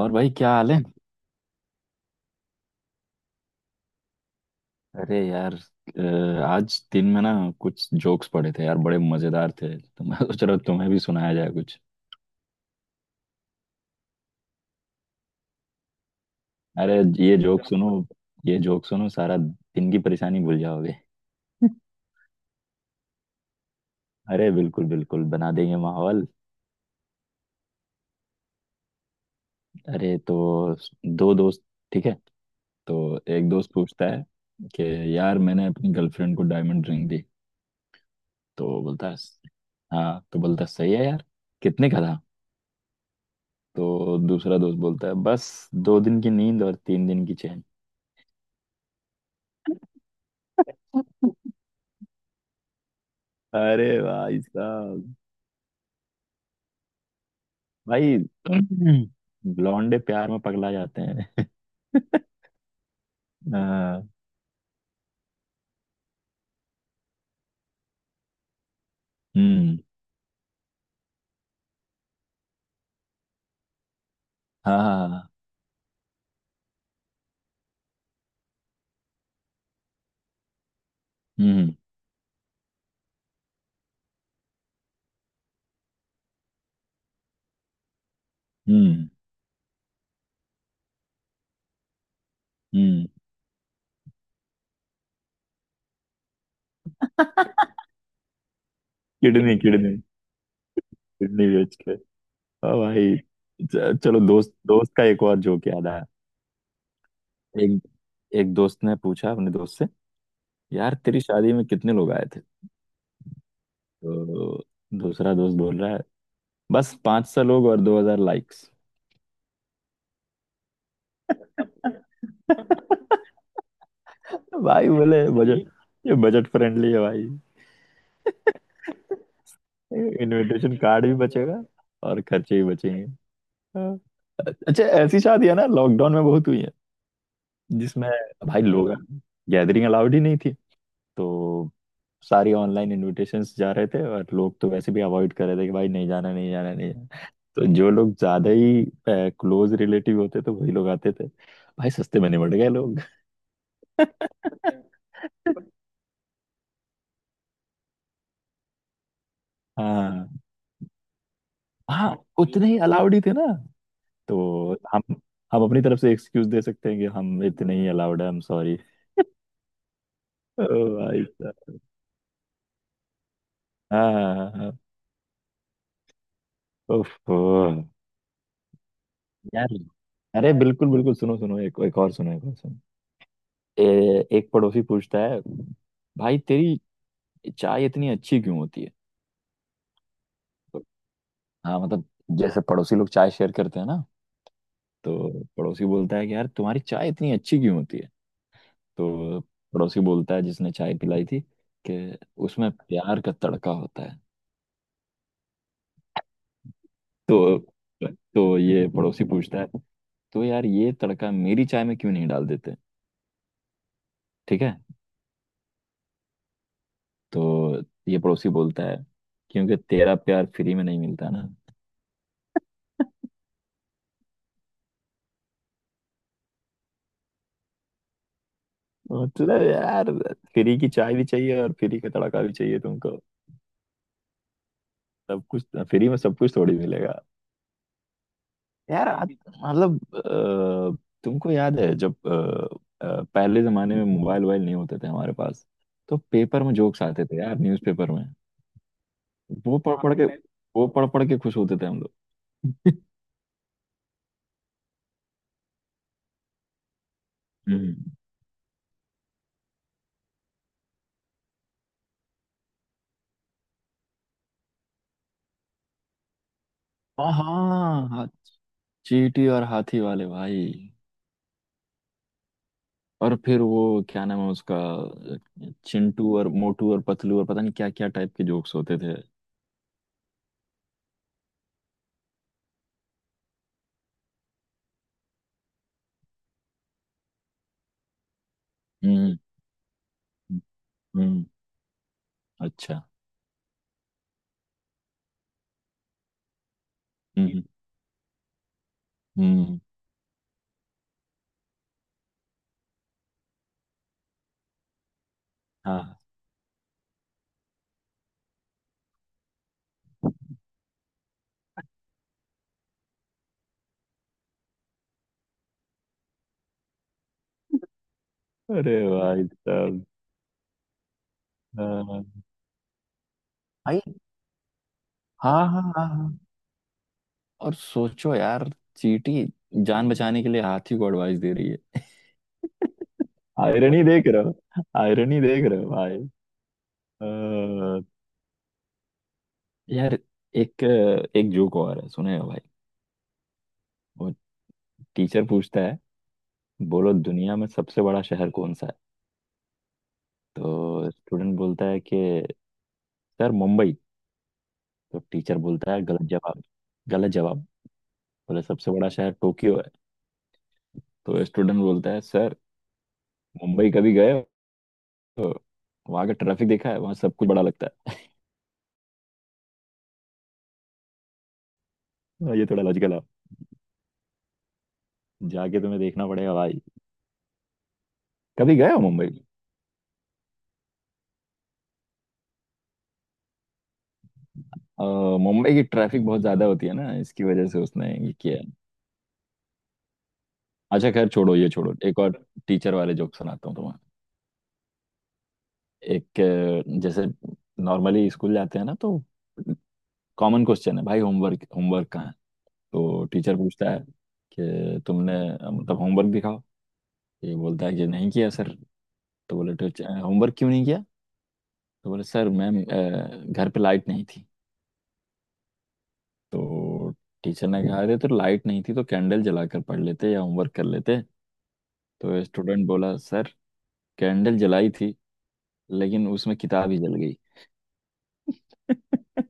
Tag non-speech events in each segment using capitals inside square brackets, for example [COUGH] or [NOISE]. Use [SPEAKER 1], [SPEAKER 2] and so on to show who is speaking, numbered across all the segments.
[SPEAKER 1] और भाई क्या हाल है? अरे यार, आज दिन में ना कुछ जोक्स पड़े थे यार, बड़े मजेदार थे, तो मैं [LAUGHS] सोच रहा हूँ तुम्हें भी सुनाया जाए कुछ। अरे, ये जोक सुनो, ये जोक सुनो, सारा दिन की परेशानी भूल जाओगे। अरे बिल्कुल बिल्कुल, बना देंगे माहौल। अरे तो, दो दोस्त, ठीक है, तो एक दोस्त पूछता है कि यार मैंने अपनी गर्लफ्रेंड को डायमंड रिंग दी। तो बोलता है, हाँ, तो बोलता है, सही है यार, कितने का था। तो दूसरा दोस्त बोलता है, बस दो दिन की नींद और तीन दिन की चैन। अरे भाई साहब, भाई लौंडे प्यार में पगला जाते हैं। [LAUGHS] हाँ। हम्म। हाँ हाँ, हाँ। हम्म। हम्म। हम्म। Kidney kidney. किडनी बेच के। हाँ भाई। चलो, दोस्त दोस्त का एक और जोक याद आया। एक एक दोस्त ने पूछा अपने दोस्त से, यार तेरी शादी में कितने लोग आए थे? तो दूसरा दोस्त बोल रहा है, बस 500 लोग और 2,000 लाइक्स। [LAUGHS] भाई बोले, बजट, ये बजट फ्रेंडली है भाई। [LAUGHS] इनविटेशन कार्ड भी बचेगा और खर्चे भी बचेंगे। हाँ। अच्छा, ऐसी शादियां ना लॉकडाउन में बहुत हुई है, जिसमें भाई लोग, गैदरिंग अलाउड ही नहीं थी, तो सारी ऑनलाइन इनविटेशंस जा रहे थे, और लोग तो वैसे भी अवॉइड कर रहे थे कि भाई नहीं जाना नहीं जाना नहीं जाना। तो जो लोग ज्यादा ही क्लोज रिलेटिव होते थे वही लोग आते थे। भाई सस्ते में निबट गए लोग। [LAUGHS] हाँ। हाँ उतने ही अलाउड ही थे ना, तो हम अपनी तरफ से एक्सक्यूज दे सकते हैं कि हम इतने ही अलाउड है, हम सॉरी। ओ भाई साहब। हाँ हाँ हाँ हाँ। उफ, ओ। यार, अरे बिल्कुल बिल्कुल, सुनो सुनो, एक एक और सुनो, एक और सुनो। एक पड़ोसी पूछता है, भाई तेरी चाय इतनी अच्छी क्यों होती है? तो, हाँ मतलब, जैसे पड़ोसी लोग चाय शेयर करते हैं ना, तो पड़ोसी बोलता है कि यार तुम्हारी चाय इतनी अच्छी क्यों होती है? तो पड़ोसी बोलता है, जिसने चाय पिलाई थी, कि उसमें प्यार का तड़का होता है। तो तो ये पड़ोसी पूछता है, तो यार ये तड़का मेरी चाय में क्यों नहीं डाल देते? ठीक है। तो ये पड़ोसी बोलता है, क्योंकि तेरा प्यार फ्री में नहीं मिलता ना। मतलब यार, फ्री की चाय भी चाहिए और फ्री का तड़का भी चाहिए तुमको, सब कुछ। फ्री में सब कुछ थोड़ी मिलेगा। यार आज मतलब, तुमको याद है जब पहले जमाने में मोबाइल वोबाइल नहीं होते थे हमारे पास, तो पेपर में जोक्स आते थे यार, न्यूज़पेपर में। वो पढ़ पढ़ के वो पढ़ पढ़ के खुश होते थे हम लोग। [LAUGHS] हम्म। हाँ हाँ, हाँ। चींटी और हाथी वाले भाई। और फिर वो क्या नाम है उसका, चिंटू और मोटू और पतलू, और पता नहीं क्या क्या टाइप के जोक्स होते थे। हम्म। हम्म। अच्छा। हम्म। हम्म। हाँ। अरे भाई साहब। हाँ भाई। हाँ हाँ हाँ हाँ। और सोचो यार, चींटी जान बचाने के लिए हाथी को एडवाइस दे रही है। [LAUGHS] आयरनी देख रहे हो, आयरनी देख रहे हो भाई। अ, यार, एक एक जोक और है, सुने हो भाई। वो टीचर पूछता है, बोलो दुनिया में सबसे बड़ा शहर कौन सा है? तो स्टूडेंट बोलता है कि सर मुंबई। तो टीचर बोलता है, गलत जवाब, गलत जवाब। बोले सबसे बड़ा शहर टोक्यो है। तो स्टूडेंट बोलता है, सर मुंबई कभी गए हो? तो वहाँ का ट्रैफिक देखा है, वहाँ सब कुछ बड़ा लगता है। हाँ, ये थोड़ा लॉजिकल है। जाके तुम्हें देखना पड़ेगा भाई, कभी गए हो मुंबई। अ, मुंबई की ट्रैफिक बहुत ज्यादा होती है ना, इसकी वजह से उसने ये किया है। अच्छा खैर, छोड़ो ये छोड़ो, एक और टीचर वाले जोक सुनाता हूँ तुम्हें। एक जैसे नॉर्मली स्कूल जाते हैं ना, तो कॉमन क्वेश्चन है भाई, होमवर्क होमवर्क कहाँ है। तो टीचर पूछता है कि तुमने मतलब होमवर्क दिखाओ। ये बोलता है कि नहीं किया सर। तो बोले टीचर, होमवर्क क्यों नहीं किया? तो बोले सर मैम, घर पे लाइट नहीं थी। तो टीचर ने कहा, अरे तो लाइट नहीं थी तो कैंडल जलाकर पढ़ लेते या होमवर्क कर लेते। तो स्टूडेंट बोला, सर कैंडल जलाई थी, लेकिन उसमें किताब ही जल गई। [LAUGHS]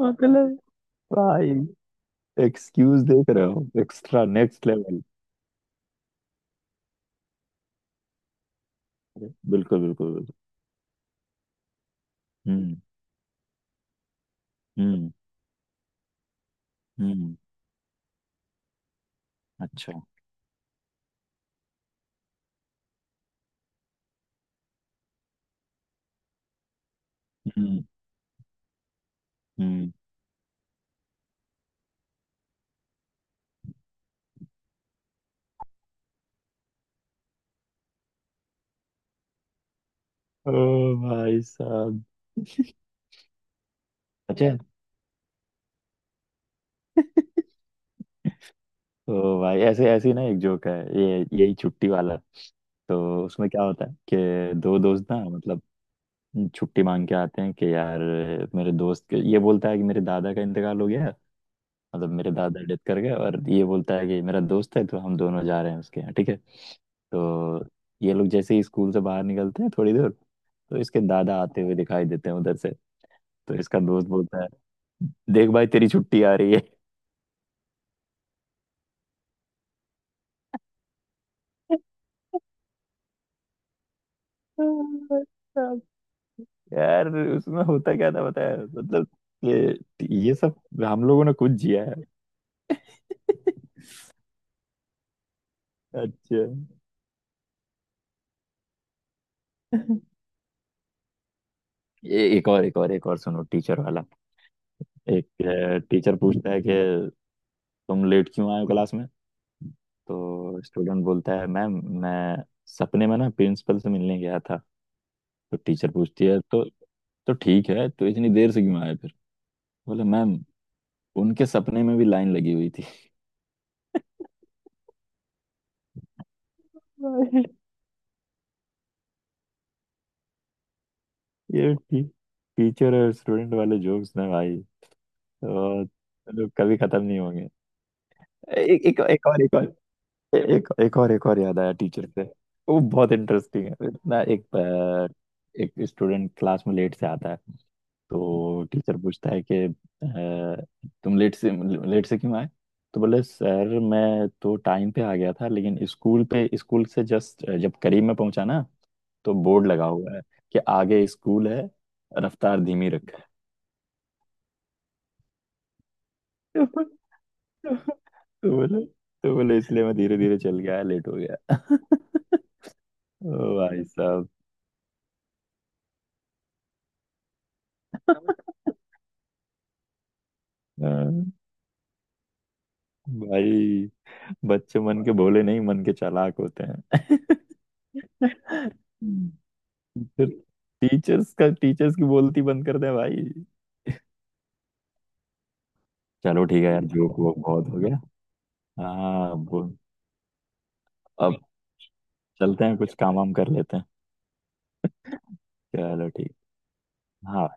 [SPEAKER 1] मतलब भाई, एक्सक्यूज देख रहे हो, एक्स्ट्रा नेक्स्ट लेवल। बिल्कुल बिल्कुल बिल्कुल। हम्म। हम्म। हम्म। अच्छा। हम्म। हम्म। ओ भाई साहब। अच्छा तो भाई, ऐसे ऐसी ना एक जोक है, ये यही छुट्टी वाला। तो उसमें क्या होता है कि दो दोस्त ना, मतलब छुट्टी मांग के आते हैं कि यार, मेरे दोस्त के, ये बोलता है कि मेरे दादा का इंतकाल हो गया, मतलब मेरे दादा डेथ कर गए, और ये बोलता है कि मेरा दोस्त है तो हम दोनों जा रहे हैं उसके यहाँ। ठीक है। तो ये लोग जैसे ही स्कूल से बाहर निकलते हैं, थोड़ी दूर, तो इसके दादा आते हुए दिखाई देते हैं उधर से। तो इसका दोस्त बोलता है, देख भाई तेरी छुट्टी आ रही है। [LAUGHS] यार उसमें होता क्या था, बताया मतलब, ये ये सब हम लोगों ने कुछ जिया है। अच्छा। एक और एक और एक और सुनो, टीचर वाला। एक टीचर पूछता है कि तुम लेट क्यों आए हो क्लास में। तो स्टूडेंट बोलता है, मैम मैं सपने में ना प्रिंसिपल से मिलने गया था। तो टीचर पूछती है, तो ठीक है तो इतनी देर से क्यों आए फिर। बोला मैम, उनके सपने में भी लाइन लगी हुई थी। [LAUGHS] ये टीचर और स्टूडेंट वाले जोक्स ना भाई, तो मतलब कभी खत्म नहीं होंगे। एक एक एक और एक और, एक एक और याद आया टीचर से। वो बहुत इंटरेस्टिंग है इतना। एक एक स्टूडेंट क्लास में लेट से आता है। तो टीचर पूछता है कि तुम लेट से, लेट से क्यों आए। तो बोले, सर मैं तो टाइम पे आ गया था, लेकिन स्कूल से जस्ट जब करीब में पहुंचा ना, तो बोर्ड लगा हुआ है कि आगे स्कूल है, रफ्तार धीमी रखा है। [LAUGHS] तो बोले तो बोले इसलिए मैं धीरे धीरे चल गया, लेट हो गया। [LAUGHS] ओ भाई साहब। हाँ, भाई बच्चे मन के भोले नहीं, मन के चालाक होते हैं। टीचर टीचर्स का टीचर्स की बोलती बंद कर दे भाई। चलो ठीक है यार, जोक वो बहुत हो गया। हाँ अब चलते हैं, कुछ काम वाम कर लेते हैं। चलो ठीक। हाँ।